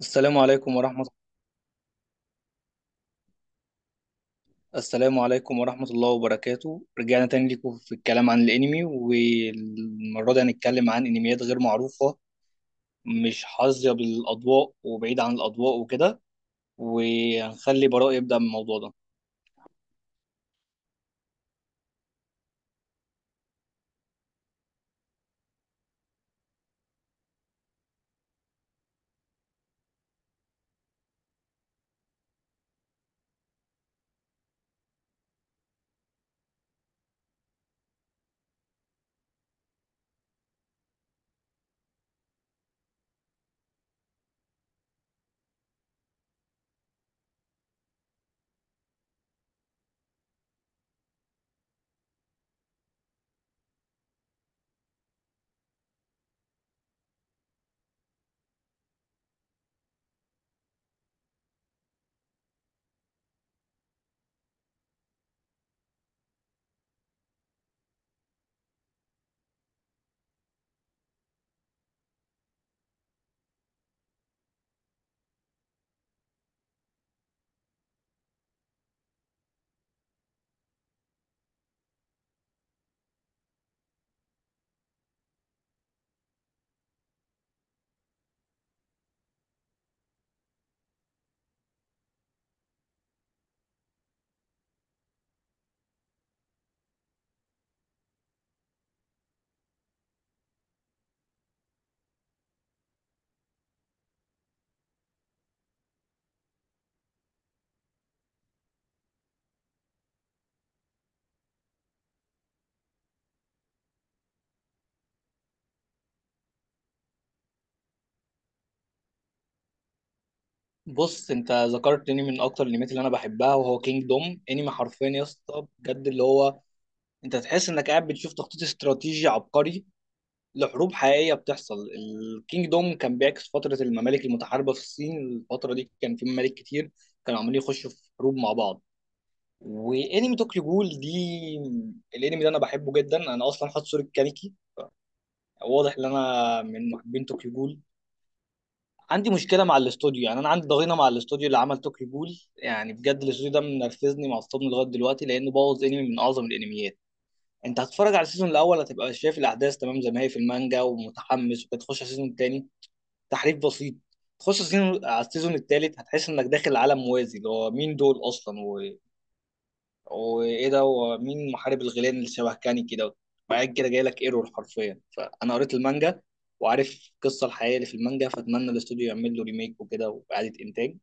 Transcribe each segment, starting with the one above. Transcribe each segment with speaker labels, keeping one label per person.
Speaker 1: السلام عليكم ورحمة السلام عليكم ورحمة الله وبركاته، رجعنا تاني ليكم في الكلام عن الأنمي، والمرة دي هنتكلم عن أنميات غير معروفة، مش حظية بالأضواء وبعيد عن الأضواء وكده. وهنخلي براء يبدأ من الموضوع ده. بص، أنت ذكرتني من أكتر الأنميات اللي أنا بحبها، وهو كينج دوم. أنمي حرفيا يا اسطى بجد، اللي هو أنت تحس إنك قاعد بتشوف تخطيط استراتيجي عبقري لحروب حقيقية بتحصل. الكينج دوم كان بيعكس فترة الممالك المتحاربة في الصين. الفترة دي كان في ممالك كتير كانوا عمالين يخشوا في حروب مع بعض. وانمي طوكيو جول دي، الانمي ده انا بحبه جدا، انا اصلا حاطط صورة كانيكي، واضح ان انا من محبين طوكيو جول. عندي مشكلة مع الاستوديو، يعني انا عندي ضغينة مع الاستوديو اللي عمل طوكيو جول. يعني بجد الاستوديو ده منرفزني معصبني لغاية دلوقتي، لانه بوظ انمي من اعظم الانميات. انت هتتفرج على السيزون الاول هتبقى شايف الاحداث تمام زي ما هي في المانجا ومتحمس، وتخش على السيزون التاني تحريف بسيط. تخش على السيزون الثالث هتحس انك داخل عالم موازي، اللي هو مين دول اصلا وايه ده، ومين محارب الغيلان اللي شبه كاني كده. بعد كده جاي لك ايرور حرفيا. فانا قريت المانجا وعارف القصه الحقيقيه اللي في المانجا، فاتمنى الاستوديو يعمل له ريميك وكده واعاده انتاج.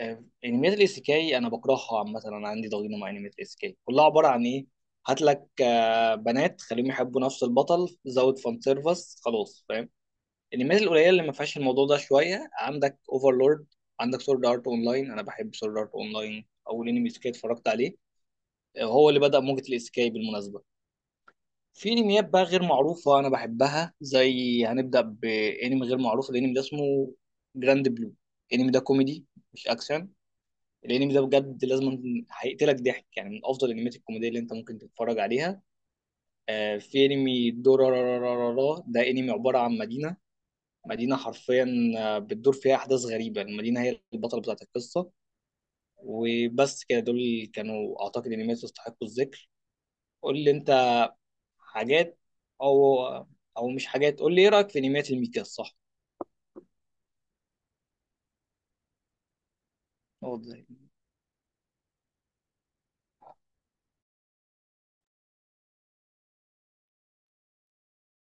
Speaker 1: انميات الايسيكاي انا بكرهها عامه، انا عندي ضغينه مع انميات الايسيكاي. كلها عباره عن ايه؟ هات لك بنات خليهم يحبوا نفس البطل، زود فان سيرفس خلاص، فاهم؟ الانميات القليله اللي ما فيهاش الموضوع ده شويه، عندك اوفرلورد، عندك سورد ارت اونلاين. انا بحب سورد ارت اونلاين، اول انمي اسكاي اتفرجت عليه، هو اللي بدا موجه الاسكاي بالمناسبه. في انميات بقى غير معروفه انا بحبها، زي هنبدا بانمي غير معروف، الانمي ده اسمه جراند بلو. الانمي ده كوميدي مش اكشن. الانمي ده بجد لازم، هيقتلك ضحك، يعني من افضل الانميات الكوميديه اللي انت ممكن تتفرج عليها. في انمي دورارارارارا، ده انمي عباره عن مدينة حرفيا بتدور فيها أحداث غريبة، المدينة هي البطلة بتاعت القصة. وبس كده، دول كانوا أعتقد إن الناس يستحقوا الذكر. قول لي أنت حاجات، أو أو مش حاجات، قول لي إيه رأيك في أنميات الميكا، الصح؟ أه،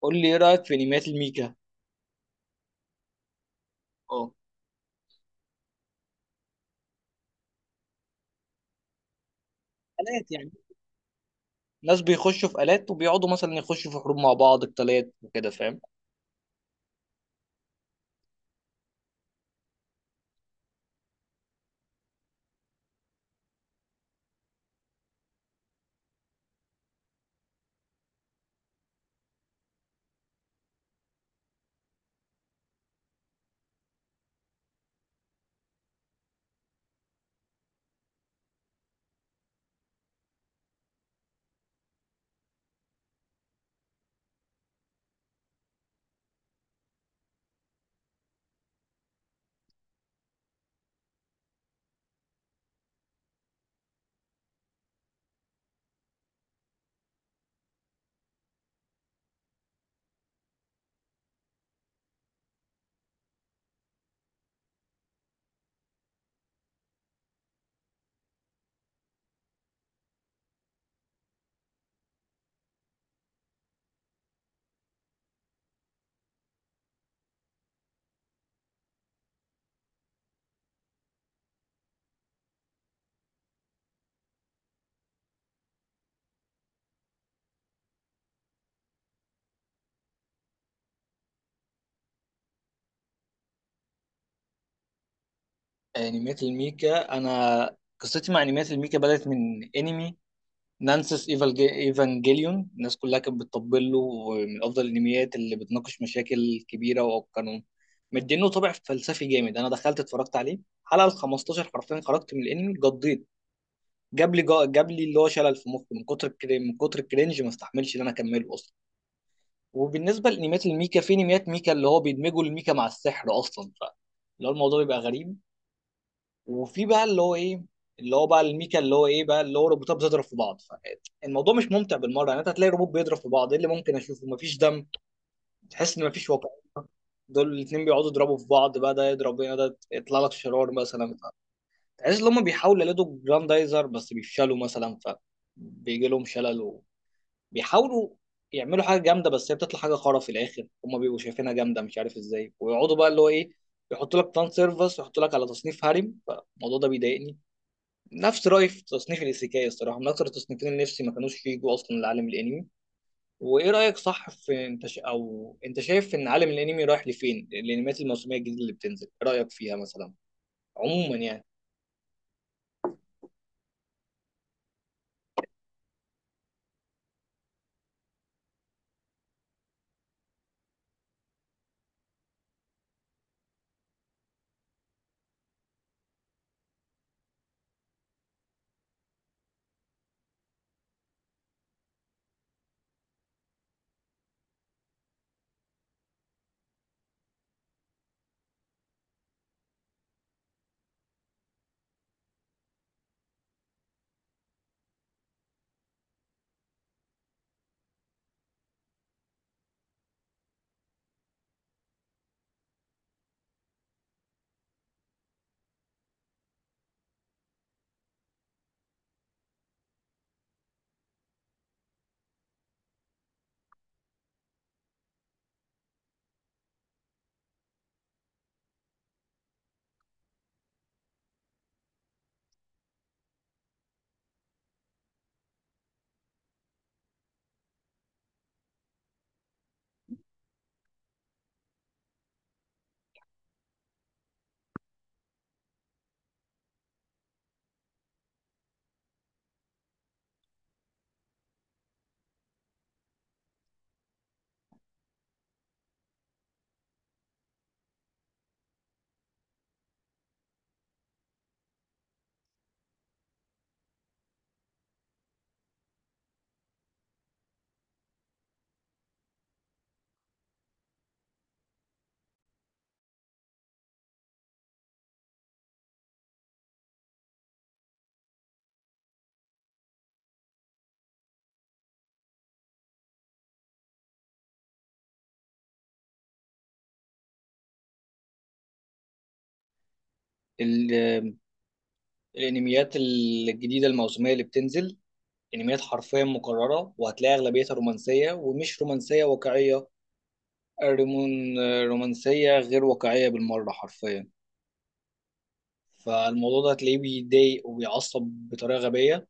Speaker 1: قول لي إيه رأيك في أنميات الميكا. اه. آلات يعني، ناس بيخشوا في آلات وبيقعدوا مثلا يخشوا في حروب مع بعض، قتالات وكده، فاهم؟ أنميات الميكا، أنا قصتي مع أنميات الميكا بدأت من أنمي نانسس ايفانجيليون. الناس كلها كانت بتطبل له، ومن افضل الانميات اللي بتناقش مشاكل كبيره وقانون مدينه، طابع فلسفي جامد. انا دخلت اتفرجت عليه حلقه ال 15 حرفيا خرجت من الانمي، قضيت، جاب لي جاب لي اللي هو شلل في مخي، من كتر من كتر الكرنج، ما استحملش ان انا اكمله اصلا. وبالنسبه لانميات الميكا، في انميات ميكا اللي هو بيدمجوا الميكا مع السحر اصلا، ف اللي هو الموضوع بيبقى غريب. وفي بقى اللي هو ايه، اللي هو بقى الميكا اللي هو ايه بقى، اللي هو روبوتات بتضرب في بعض. فالموضوع مش ممتع بالمره، يعني انت هتلاقي روبوت بيضرب في بعض، ايه اللي ممكن اشوفه؟ مفيش دم، تحس ان مفيش واقع. دول الاتنين بيقعدوا يضربوا في بعض بقى، ده يضرب هنا ده يطلع لك شرار مثلا. تحس ان هم بيحاولوا يلدوا جراندايزر بس بيفشلوا مثلا، فبيجي لهم شلل. وبيحاولوا يعملوا حاجه جامده بس هي بتطلع حاجه خرا في الاخر، هم بيبقوا شايفينها جامده مش عارف ازاي، ويقعدوا بقى اللي هو ايه، يحطوا لك فان سيرفس ويحطوا لك على تصنيف هارم، فالموضوع ده بيضايقني. نفس رأيي في تصنيف الإيسيكاي، الصراحة من أكتر التصنيفين اللي نفسي ما كانوش يجوا أصلا لعالم الأنمي. وإيه رأيك صح في أو أنت شايف إن عالم الأنمي رايح لفين؟ الأنميات الموسمية الجديدة اللي بتنزل إيه رأيك فيها مثلا، عموما يعني؟ ال... الأنميات الجديدة الموسمية اللي بتنزل أنميات حرفيا مكررة، وهتلاقي أغلبيتها رومانسية، ومش رومانسية واقعية، الرمون رومانسية غير واقعية بالمرة حرفيا. فالموضوع ده هتلاقيه بيضايق وبيعصب بطريقة غبية.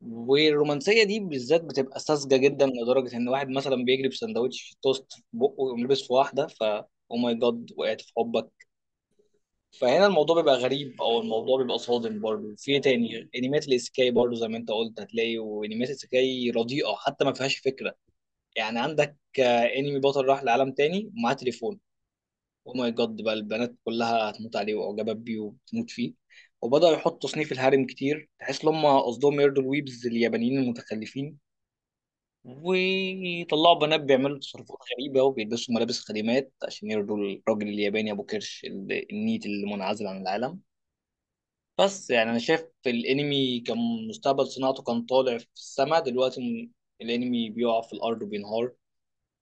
Speaker 1: والرومانسيه دي بالذات بتبقى ساذجه جدا، لدرجه ان واحد مثلا بيجري بسندوتش في توست في بقه ويقوم لابس في واحده، ف او ماي جاد وقعت في حبك. فهنا الموضوع بيبقى غريب، او الموضوع بيبقى صادم برضه. في إيه تاني؟ انميات الايسيكاي برضه زي ما انت قلت، هتلاقي وانميات الايسيكاي رديئه حتى ما فيهاش فكره. يعني عندك انمي بطل راح لعالم تاني ومعاه تليفون، او ماي جاد بقى البنات كلها هتموت عليه واعجبت بيه وبتموت فيه. وبدأوا يحطوا تصنيف الهارم كتير، تحس ان هم قصدهم يرضوا الويبز اليابانيين المتخلفين، ويطلعوا بنات بيعملوا تصرفات غريبة وبيلبسوا ملابس خادمات عشان يرضوا الراجل الياباني أبو كرش، النيت المنعزل عن العالم. بس يعني أنا شايف الأنمي كان مستقبل صناعته كان طالع في السما، دلوقتي الأنمي بيقع في الأرض وبينهار.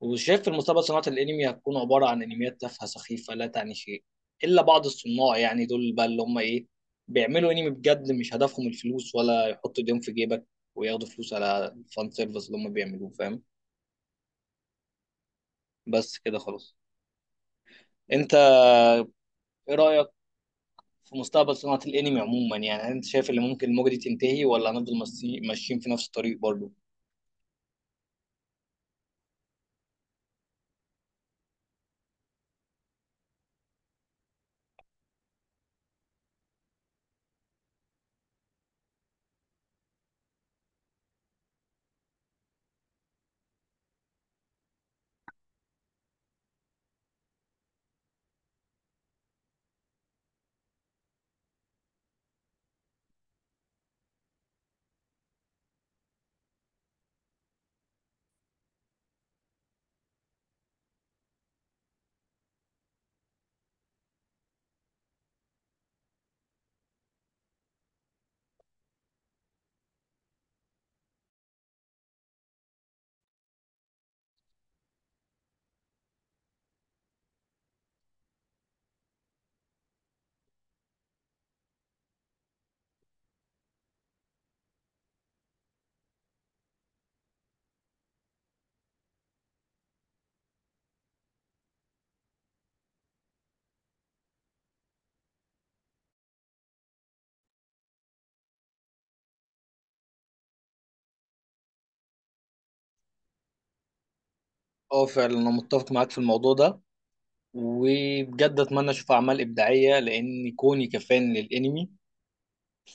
Speaker 1: وشايف في المستقبل صناعة الأنمي هتكون عبارة عن أنميات تافهة سخيفة لا تعني شيء، إلا بعض الصناع، يعني دول بقى اللي هم إيه، بيعملوا أنمي بجد، مش هدفهم الفلوس ولا يحطوا إيديهم في جيبك وياخدوا فلوس على الفان سيرفيس اللي هم بيعملوه، فاهم؟ بس كده خلاص. انت ايه رأيك في مستقبل صناعة الانمي عموما يعني؟ هل انت شايف ان ممكن الموجة دي تنتهي ولا هنفضل ماشيين في نفس الطريق برضو؟ اه فعلا انا متفق معاك في الموضوع ده. وبجد اتمنى اشوف اعمال ابداعية، لان كوني كفان للانمي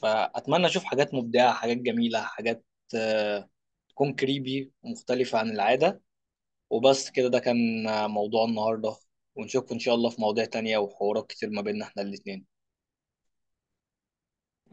Speaker 1: فاتمنى اشوف حاجات مبدعة، حاجات جميلة، حاجات آه، تكون كريبي ومختلفة عن العادة. وبس كده، ده كان موضوع النهاردة. ونشوفكم ان شاء الله في مواضيع تانية وحوارات كتير ما بيننا احنا الاتنين.